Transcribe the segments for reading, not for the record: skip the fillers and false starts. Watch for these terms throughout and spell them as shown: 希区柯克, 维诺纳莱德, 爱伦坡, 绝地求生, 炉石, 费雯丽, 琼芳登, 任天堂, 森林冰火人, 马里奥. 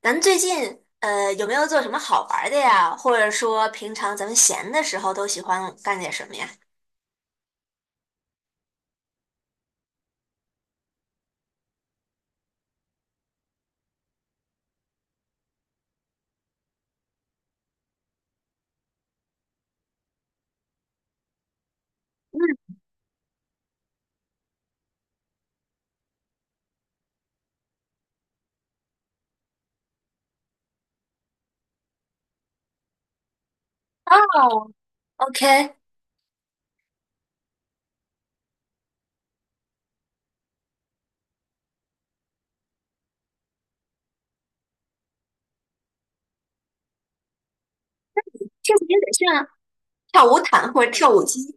咱们最近有没有做什么好玩儿的呀？或者说平常咱们闲的时候都喜欢干点什么呀？哦，OK，听起来有点像跳舞毯或者跳舞机。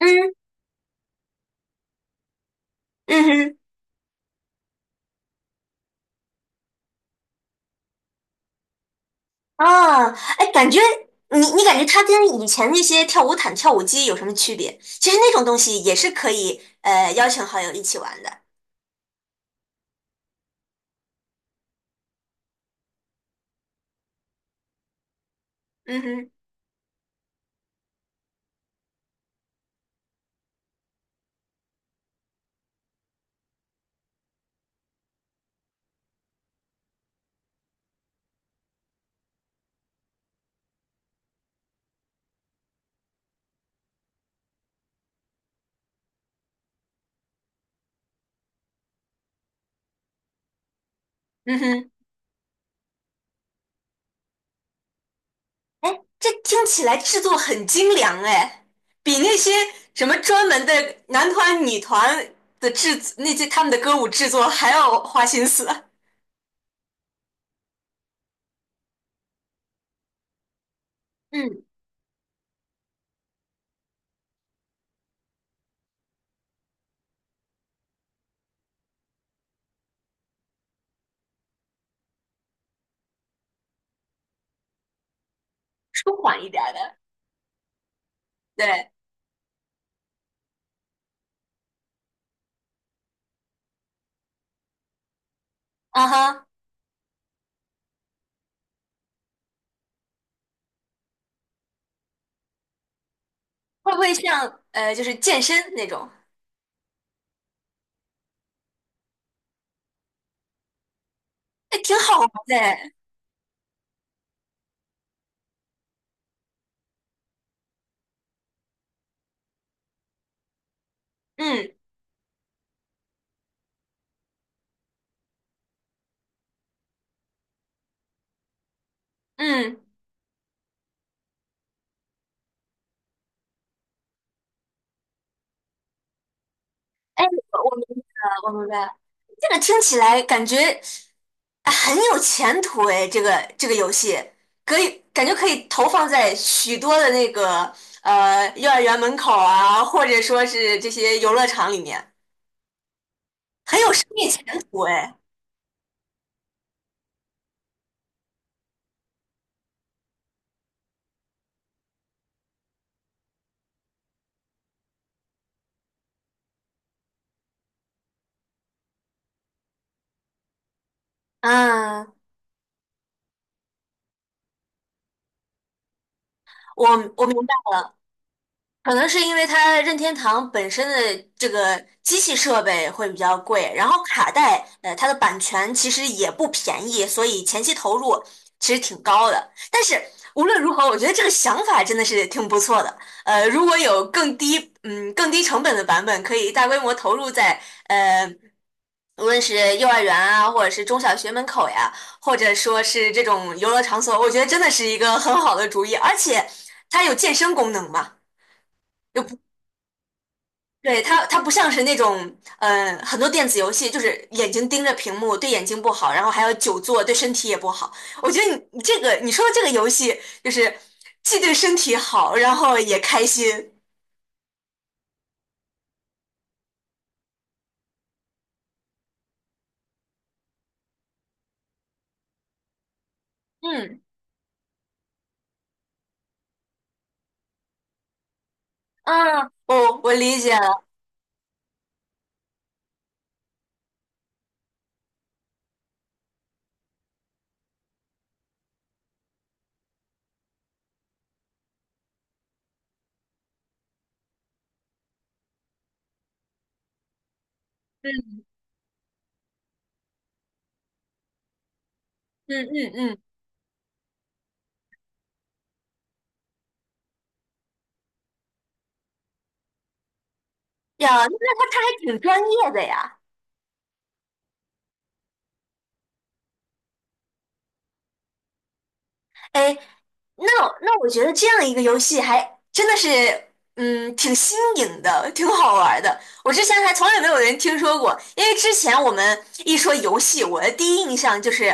嗯嗯哼，啊，哎，感觉你感觉它跟以前那些跳舞毯、跳舞机有什么区别？其实那种东西也是可以邀请好友一起玩的。嗯哼，嗯哼。哎，这听起来制作很精良哎，比那些什么专门的男团、女团的制作那些他们的歌舞制作还要花心思。嗯，舒缓一点儿的，对，啊哈，会不会像就是健身那种？哎，挺好玩的哎，嗯嗯。哎，我明白了，我明白了。这个听起来感觉啊很有前途哎，这个游戏可以感觉可以投放在许多的那个幼儿园门口啊，或者说是这些游乐场里面，很有生意前途哎。嗯，我我明白了。可能是因为它任天堂本身的这个机器设备会比较贵，然后卡带，它的版权其实也不便宜，所以前期投入其实挺高的。但是无论如何，我觉得这个想法真的是挺不错的。如果有更低，更低成本的版本，可以大规模投入在，呃，无论是幼儿园啊，或者是中小学门口呀，或者说是这种游乐场所，我觉得真的是一个很好的主意，而且它有健身功能嘛。又。对，它不像是那种，很多电子游戏就是眼睛盯着屏幕，对眼睛不好，然后还要久坐，对身体也不好。我觉得你这个你说的这个游戏，就是既对身体好，然后也开心。嗯嗯，我理解了。嗯嗯嗯嗯，呀，那他还挺专业的呀。哎，那那我觉得这样一个游戏还真的是，挺新颖的，挺好玩儿的。我之前还从来没有人听说过，因为之前我们一说游戏，我的第一印象就是，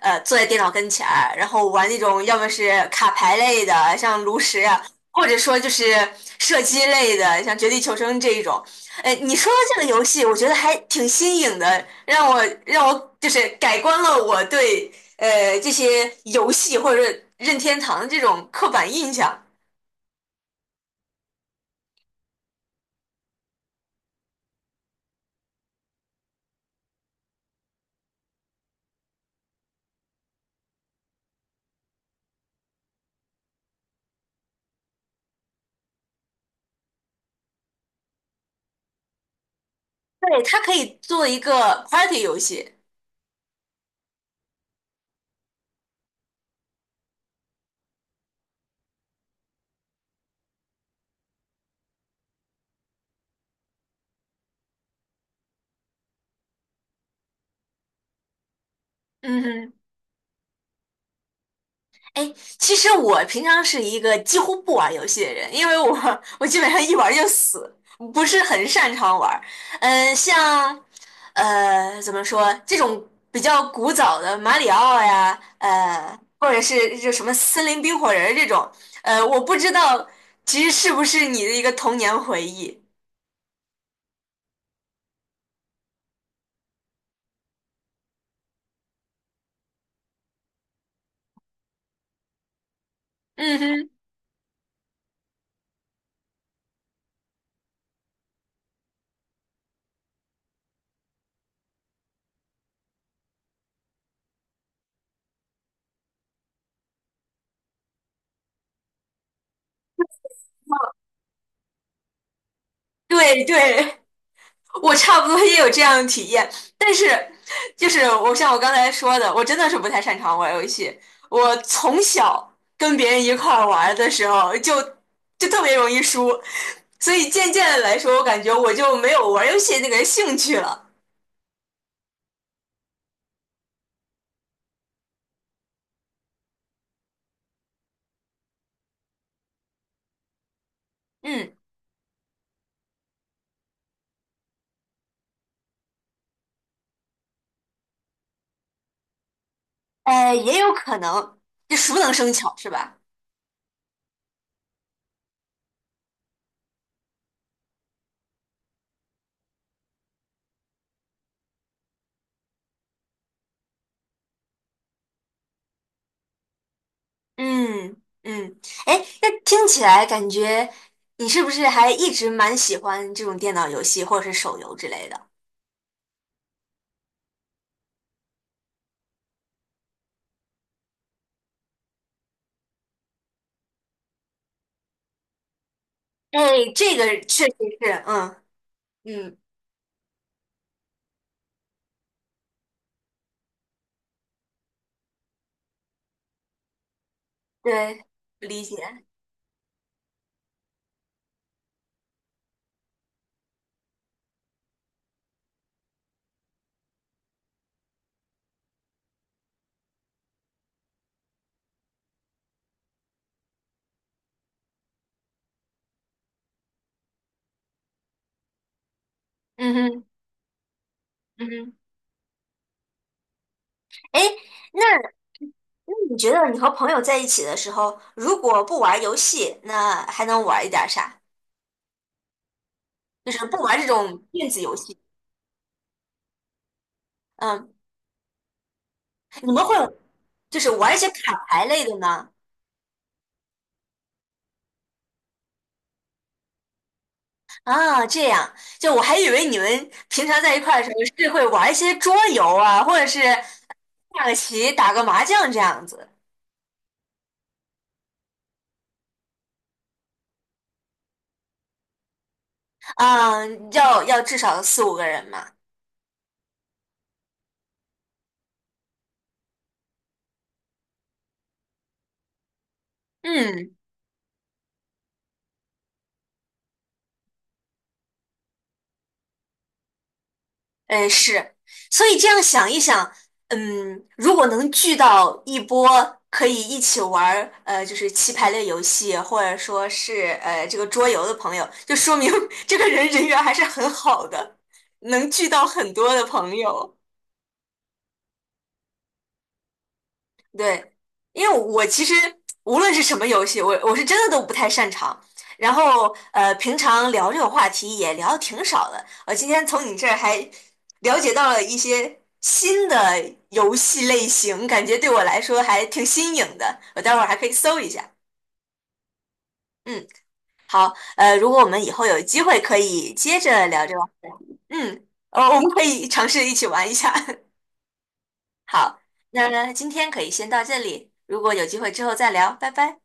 坐在电脑跟前儿然后玩那种要么是卡牌类的，像炉石啊，或者说就是射击类的，像绝地求生这一种。哎，你说的这个游戏，我觉得还挺新颖的，让我就是改观了我对，这些游戏或者是任天堂的这种刻板印象。对，它可以做一个 party 游戏。嗯哼，哎，其实我平常是一个几乎不玩游戏的人，因为我基本上一玩就死，不是很擅长玩。嗯，像怎么说这种比较古早的马里奥呀，或者是就什么森林冰火人儿这种，我不知道其实是不是你的一个童年回忆。嗯哼。对对，我差不多也有这样的体验，但是就是我像我刚才说的，我真的是不太擅长玩游戏。我从小跟别人一块儿玩的时候就特别容易输，所以渐渐的来说，我感觉我就没有玩游戏那个兴趣了。嗯，也有可能，就熟能生巧是吧？嗯嗯，哎，那听起来感觉你是不是还一直蛮喜欢这种电脑游戏或者是手游之类的？哎，这个确实是，嗯嗯，对，理解，嗯哼嗯哼，哎，那那你觉得你和朋友在一起的时候，如果不玩游戏，那还能玩一点儿啥？就是不玩这种电子游戏，嗯，你们会就是玩一些卡牌类的呢？啊，这样，就我还以为你们平常在一块儿的时候是会玩一些桌游啊，或者是下个棋、打个麻将这样子，嗯，要至少四五个人嘛。嗯，哎，是，所以这样想一想，如果能聚到一波可以一起玩儿，就是棋牌类游戏，或者说是这个桌游的朋友，就说明 这个人人缘还是很好的，能聚到很多的朋友。对，因为我其实无论是什么游戏，我是真的都不太擅长。然后平常聊这种话题也聊的挺少的。我今天从你这儿还了解到了一些新的游戏类型，感觉对我来说还挺新颖的。我待会儿还可以搜一下。嗯，好，如果我们以后有机会可以接着聊这个话题，我们可以尝试一起玩一下。好，那今天可以先到这里，如果有机会之后再聊，拜拜。